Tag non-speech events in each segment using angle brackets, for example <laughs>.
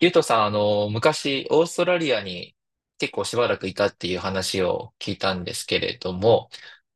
ゆうとさん、昔、オーストラリアに結構しばらくいたっていう話を聞いたんですけれども、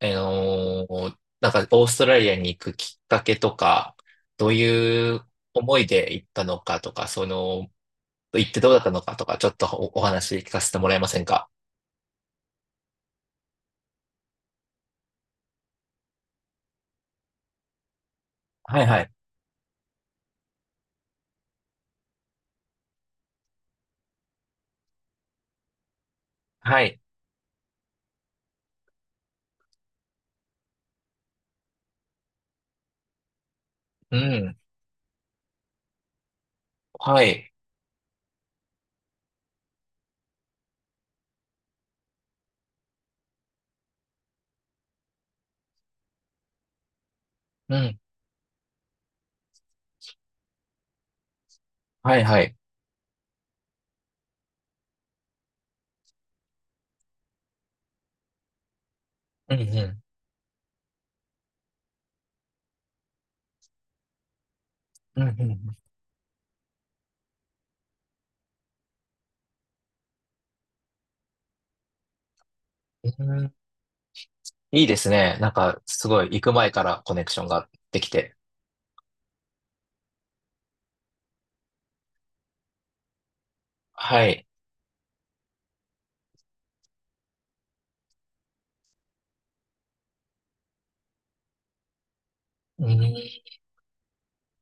なんか、オーストラリアに行くきっかけとか、どういう思いで行ったのかとか、行ってどうだったのかとか、ちょっとお話聞かせてもらえませんか？はいはい。はい。うん。はい。うん。はいはい。うんうん。うんうん。うん。いいですね。なんか、すごい、行く前からコネクションができて。はい。うん。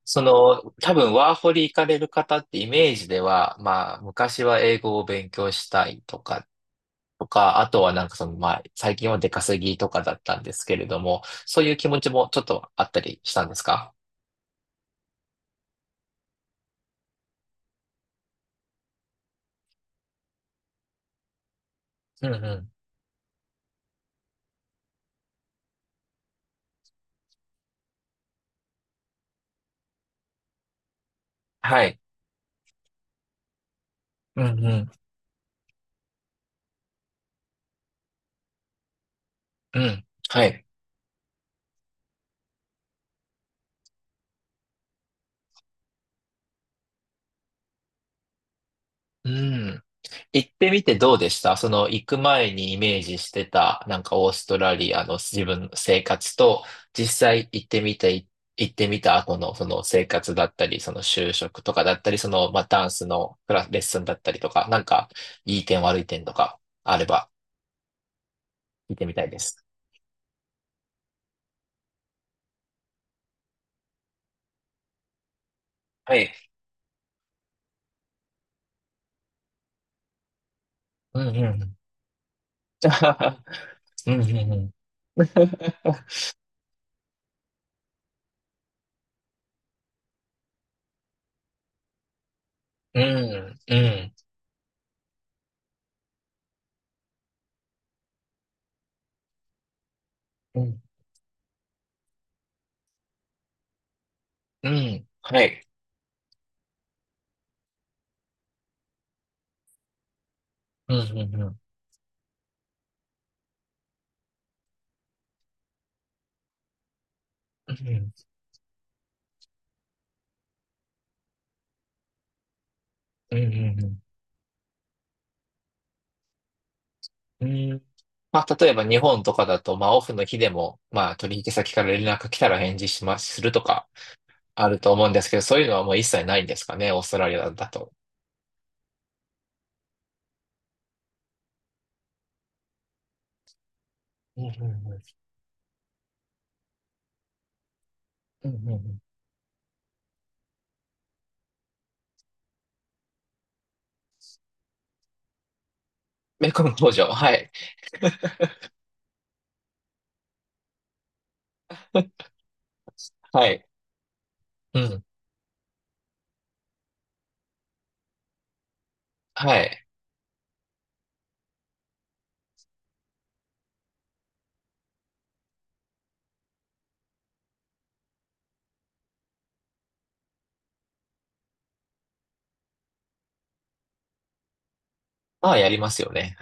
多分ワーホリ行かれる方ってイメージでは、まあ、昔は英語を勉強したいとか、あとはなんかまあ、最近は出稼ぎとかだったんですけれども、そういう気持ちもちょっとあったりしたんですか？うんうん。はい。うんうん。うん。はい。うん。行ってみてどうでした？その行く前にイメージしてた、なんかオーストラリアの自分の生活と、実際行ってみて、行ってみた後のその生活だったり、その就職とかだったり、その、まあ、ダンスのクラス、レッスンだったりとか、なんか、いい点悪い点とかあれば聞いてみたいです。はい。うんうん。<laughs> うんうんうん。うん、うん、うん、うん、はい。うん、うん、うん、うん、うん、うん、うん、うん、まあ、例えば日本とかだと、まあ、オフの日でも、まあ、取引先から連絡来たら返事します、するとかあると思うんですけど、そういうのはもう一切ないんですかね、オーストラリアだと？うんうんうん。うんうんうん。メコン工場、はい。はい。うん。はい。まあ、やりますよね。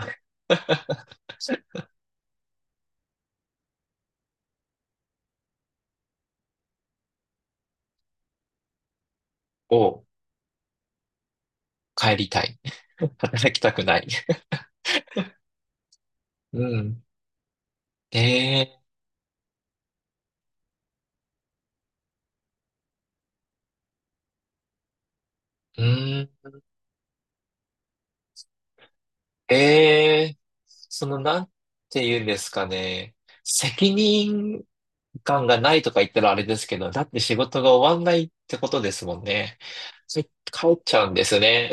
を帰りたい。<laughs> 働きたくない。うん。ええー。うん。ええー。その、なんて言うんですかね。責任間がないとか言ったらあれですけど、だって仕事が終わんないってことですもんね。それ帰っちゃうんですね。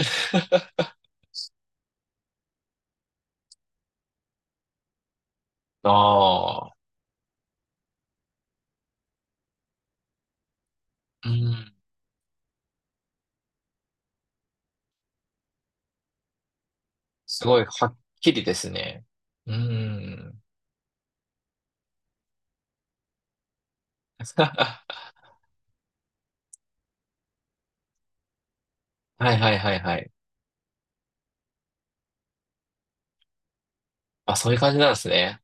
<laughs> ああ、うん。すごいはっきりですね。うん。<laughs> はいはいはいはい。あ、そういう感じなんですね。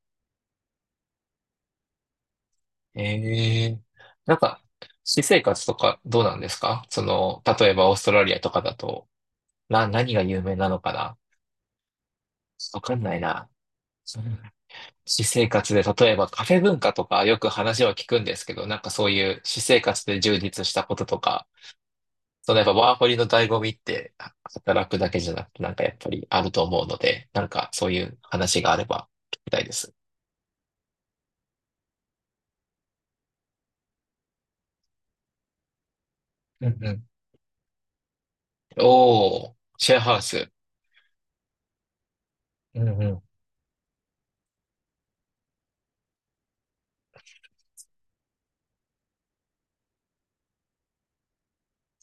ええ。なんか、私生活とかどうなんですかその？例えばオーストラリアとかだと、何が有名なのかな？わかんないな。私生活で、例えばカフェ文化とかよく話は聞くんですけど、なんかそういう私生活で充実したこととか、そのやっぱワーホリの醍醐味って働くだけじゃなくてなんかやっぱりあると思うので、なんかそういう話があれば聞きたいです。うんうん。おー、シェアハウス。うんうん。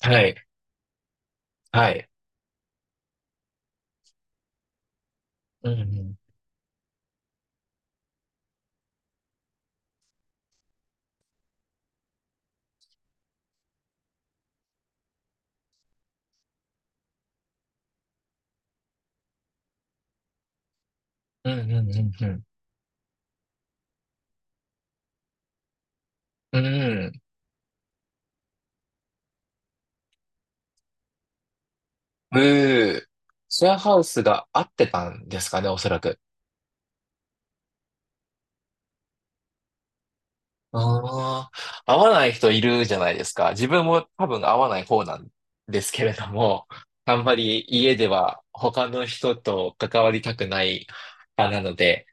はい。はい。うんうん。うんうんうんうん。うん。うー。シェアハウスが合ってたんですかね、おそらく。ああ、合わない人いるじゃないですか。自分も多分合わない方なんですけれども、<laughs> あんまり家では他の人と関わりたくない派なので、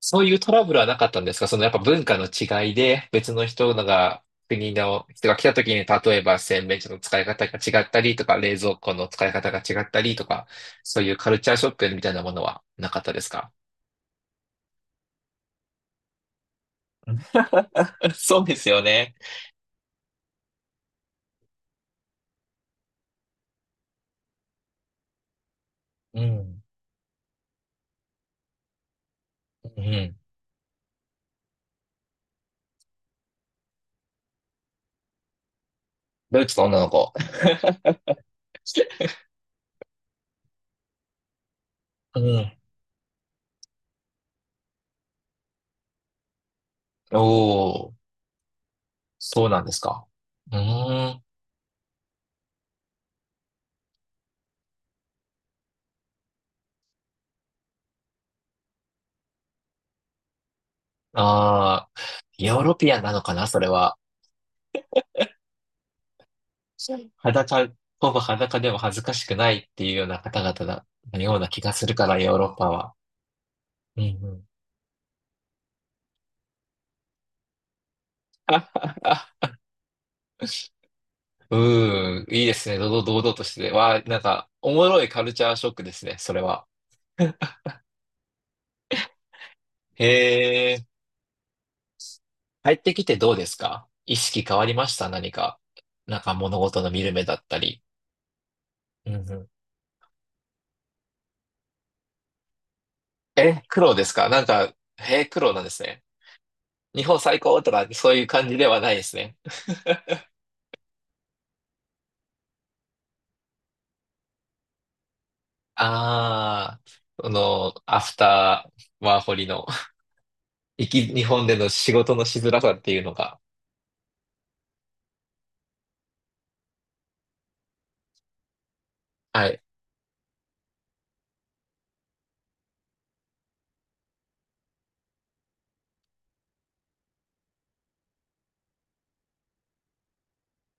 そういうトラブルはなかったんですか？そのやっぱ文化の違いで別の人のが、国の人が来た時に例えば洗面所の使い方が違ったりとか、冷蔵庫の使い方が違ったりとか、そういうカルチャーショックみたいなものはなかったですか？うん。 <laughs> そうですよね。うん。うん。ドイツの女の子。<laughs> うん。おー、そうなんですか。うーん。ああ、ヨーロピアンなのかな、それは。裸、ほぼ裸でも恥ずかしくないっていうような方々なのような気がするから、ヨーロッパは。うんうん。<laughs> うーん、いいですね。堂々、堂々としてて。わあ、なんか、おもろいカルチャーショックですね、それは。へえ、帰ってきてどうですか？意識変わりました？何か。なんか物事の見る目だったり。え、苦労ですか？なんか、へえ、苦労なんですね。日本最高とか、そういう感じではないですね。ああ、その、アフターワーホリの、日本での仕事のしづらさっていうのが。はい。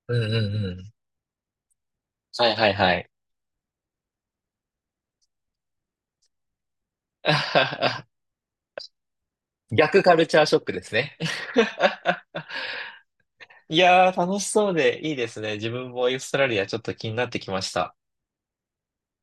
うんうんうん。はいはいはい。<laughs> 逆カルチャーショックですね。<laughs> いやー、楽しそうでいいですね。自分もオーストラリアちょっと気になってきました。